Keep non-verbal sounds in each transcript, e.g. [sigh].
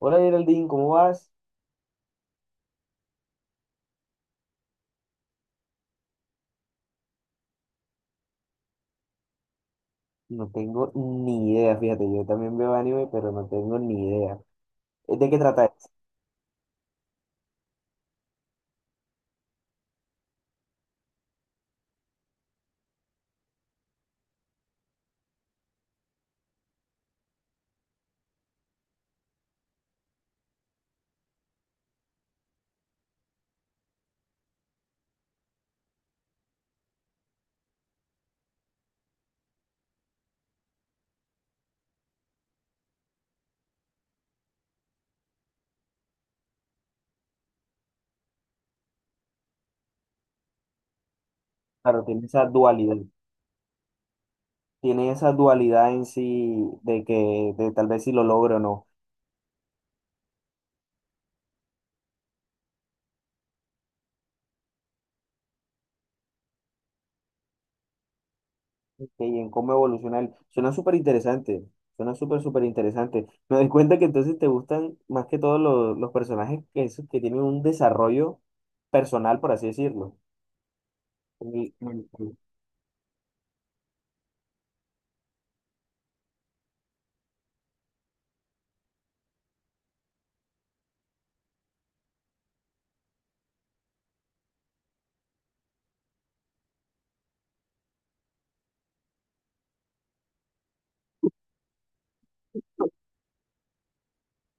Hola Geraldine, ¿cómo vas? No tengo ni idea, fíjate, yo también veo anime, pero no tengo ni idea. ¿Es ¿De qué trata esto? Claro, tiene esa dualidad en sí de que de tal vez si lo logro o no, que y en cómo evoluciona él. Suena súper interesante, suena súper, súper interesante. Me doy cuenta que entonces te gustan más que todos los personajes esos que tienen un desarrollo personal, por así decirlo. Y- y-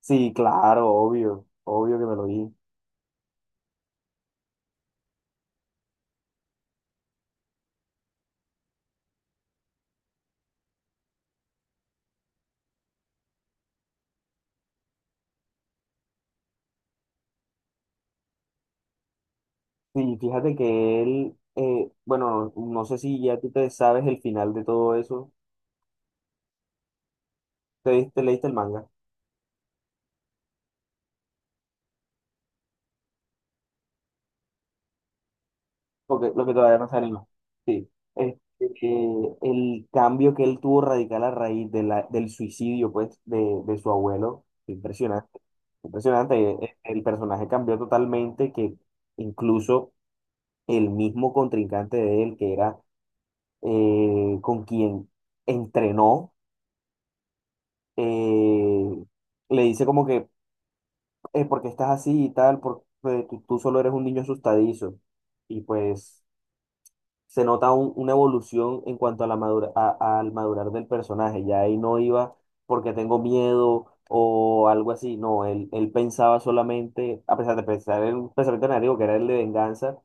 Sí, claro, obvio, obvio que me lo dije. Sí, fíjate que él, bueno, no sé si ya tú te sabes el final de todo eso. ¿ Te leíste el manga? Porque lo que todavía no se anima. Sí. Este, el cambio que él tuvo radical a raíz de del suicidio, pues, de su abuelo, fue impresionante. Impresionante. El personaje cambió totalmente, que incluso el mismo contrincante de él, que era con quien entrenó, eh, le dice como que porque estás así y tal, porque tú solo eres un niño asustadizo. Y pues se nota una evolución en cuanto a al madurar del personaje. Ya ahí no iba porque tengo miedo o algo así. No, él pensaba solamente, a pesar de pensar en un pensamiento negativo que era el de venganza,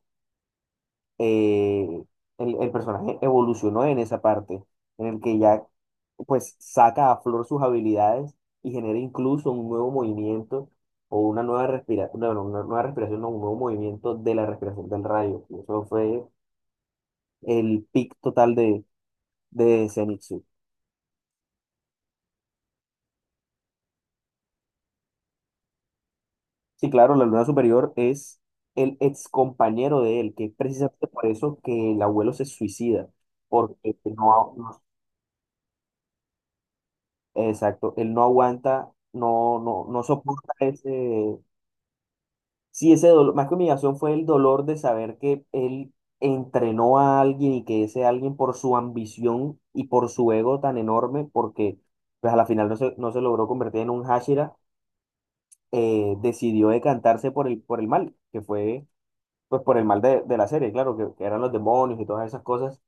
eh, el personaje evolucionó en esa parte, en el que ya pues saca a flor sus habilidades y genera incluso un nuevo movimiento o una nueva respiración, no, no, una nueva respiración, no, un nuevo movimiento de la respiración del rayo. Y eso fue el pic total de Zenitsu. Sí, claro, la luna superior es el ex compañero de él, que es precisamente por eso que el abuelo se suicida, porque no, exacto, él no aguanta, no soporta ese, sí, ese dolor, más que humillación fue el dolor de saber que él entrenó a alguien y que ese alguien por su ambición y por su ego tan enorme, porque pues a la final no se logró convertir en un Hashira, decidió decantarse por por el mal, que fue pues por el mal de la serie, claro, que eran los demonios y todas esas cosas,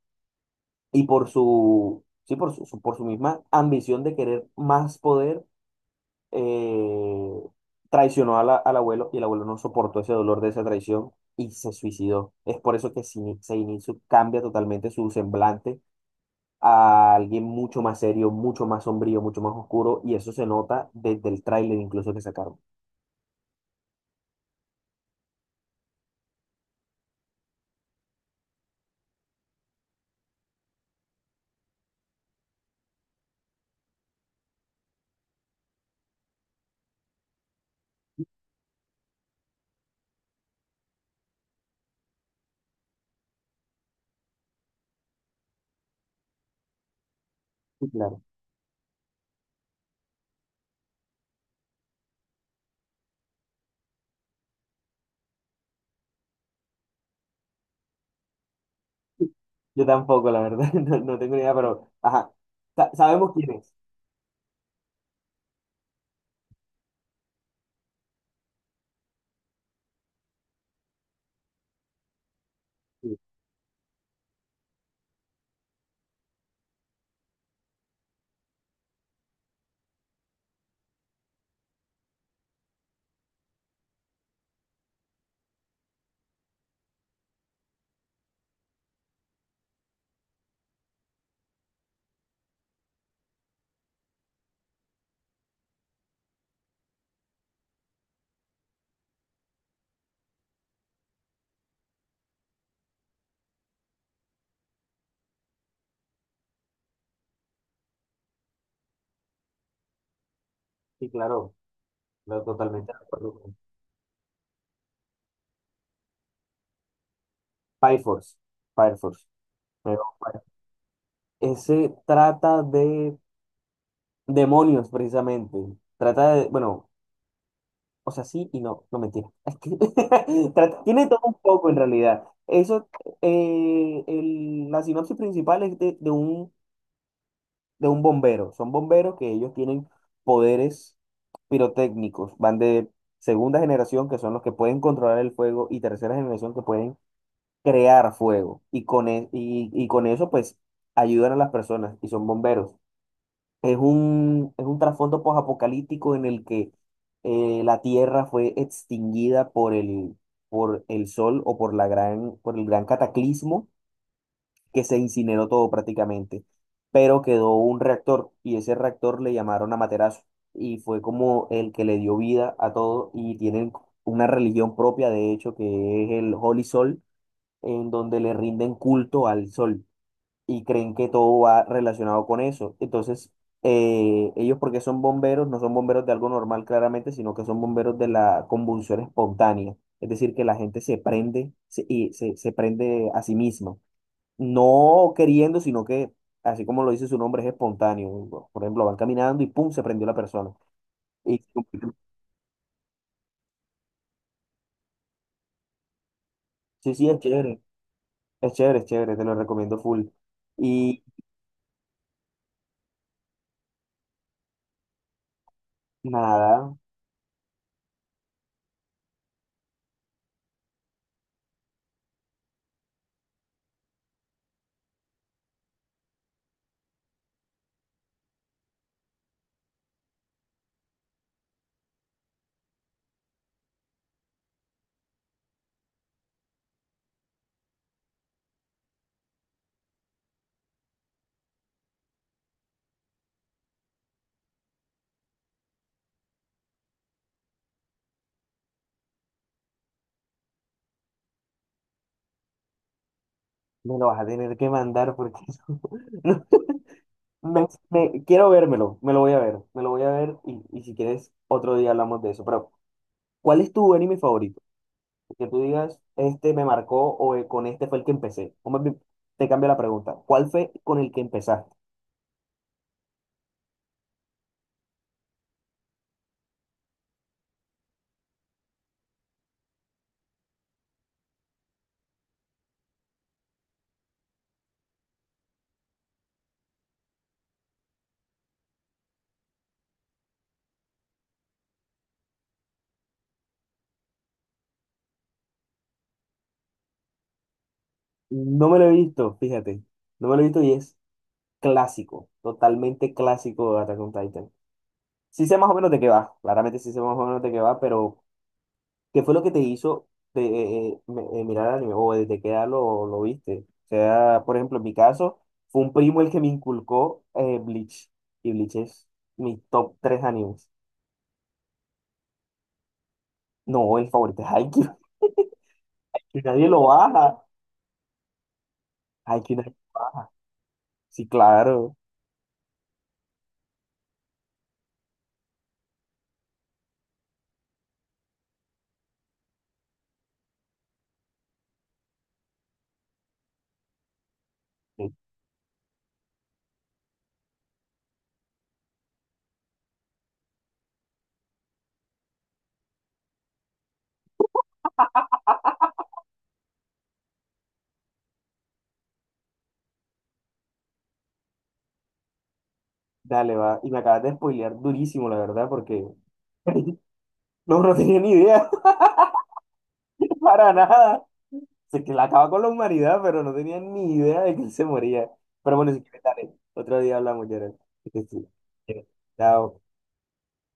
y por su, sí, por su, su- por su misma ambición de querer más poder, eh, traicionó al abuelo y el abuelo no soportó ese dolor de esa traición y se suicidó. Es por eso que Seinichi cambia totalmente su semblante a alguien mucho más serio, mucho más sombrío, mucho más oscuro y eso se nota desde el tráiler incluso que sacaron. Sí, claro. Yo tampoco, la verdad, [laughs] no, no tengo ni idea, pero ajá, sabemos quién es. Sí, sí, claro, claro, totalmente de acuerdo con- Fire Force, Fire Force. Pero, bueno, ese trata de demonios, precisamente. Trata de, bueno, o sea, sí y no, no mentira. [laughs] Tiene todo un poco en realidad. Eso, la sinopsis principal es de un bombero. Son bomberos que ellos tienen poderes pirotécnicos. Van de segunda generación, que son los que pueden controlar el fuego, y tercera generación, que pueden crear fuego. Y y con eso, pues, ayudan a las personas y son bomberos. Es un trasfondo posapocalíptico en el que la Tierra fue extinguida por por el Sol o por por el gran cataclismo que se incineró todo prácticamente, pero quedó un reactor y ese reactor le llamaron Amaterasu y fue como el que le dio vida a todo y tienen una religión propia, de hecho, que es el Holy Sol, en donde le rinden culto al Sol y creen que todo va relacionado con eso. Entonces, ellos porque son bomberos, no son bomberos de algo normal claramente, sino que son bomberos de la convulsión espontánea. Es decir, que la gente se prende se- y se, se prende a sí misma. No queriendo, sino que, así como lo dice su nombre, es espontáneo. Por ejemplo, van caminando y ¡pum! Se prendió la persona. Y sí, sí, es chévere. Es chévere, es chévere, te lo recomiendo full. Y nada, me lo vas a tener que mandar porque [laughs] no, quiero vérmelo, me lo voy a ver, me lo voy a ver y si quieres otro día hablamos de eso. Pero, ¿cuál es tu anime favorito? Que tú digas, este me marcó o con este fue el que empecé. O más bien, te cambio la pregunta, ¿cuál fue con el que empezaste? No me lo he visto, fíjate, no me lo he visto y es clásico, totalmente clásico de Attack on Titan. Sí sé más o menos de qué va, claramente sí sé más o menos de qué va, pero ¿qué fue lo que te hizo mirar el anime o desde qué edad lo viste? O sea, por ejemplo, en mi caso, fue un primo el que me inculcó, Bleach. Y Bleach es mi top 3 animes. No, el favorito es Haikyuu. [laughs] Y nadie lo baja. Haikyuu nadie lo baja. Sí, claro. Sí, dale, va. Y me acabas de spoilear durísimo, la verdad, porque [laughs] no, no tenía ni idea. [laughs] Para nada. Se que la acaba con la humanidad, pero no tenía ni idea de que él se moría. Pero bueno, si quieres, dale. Otro día hablamos, Gerald. Que estés bien. Chao.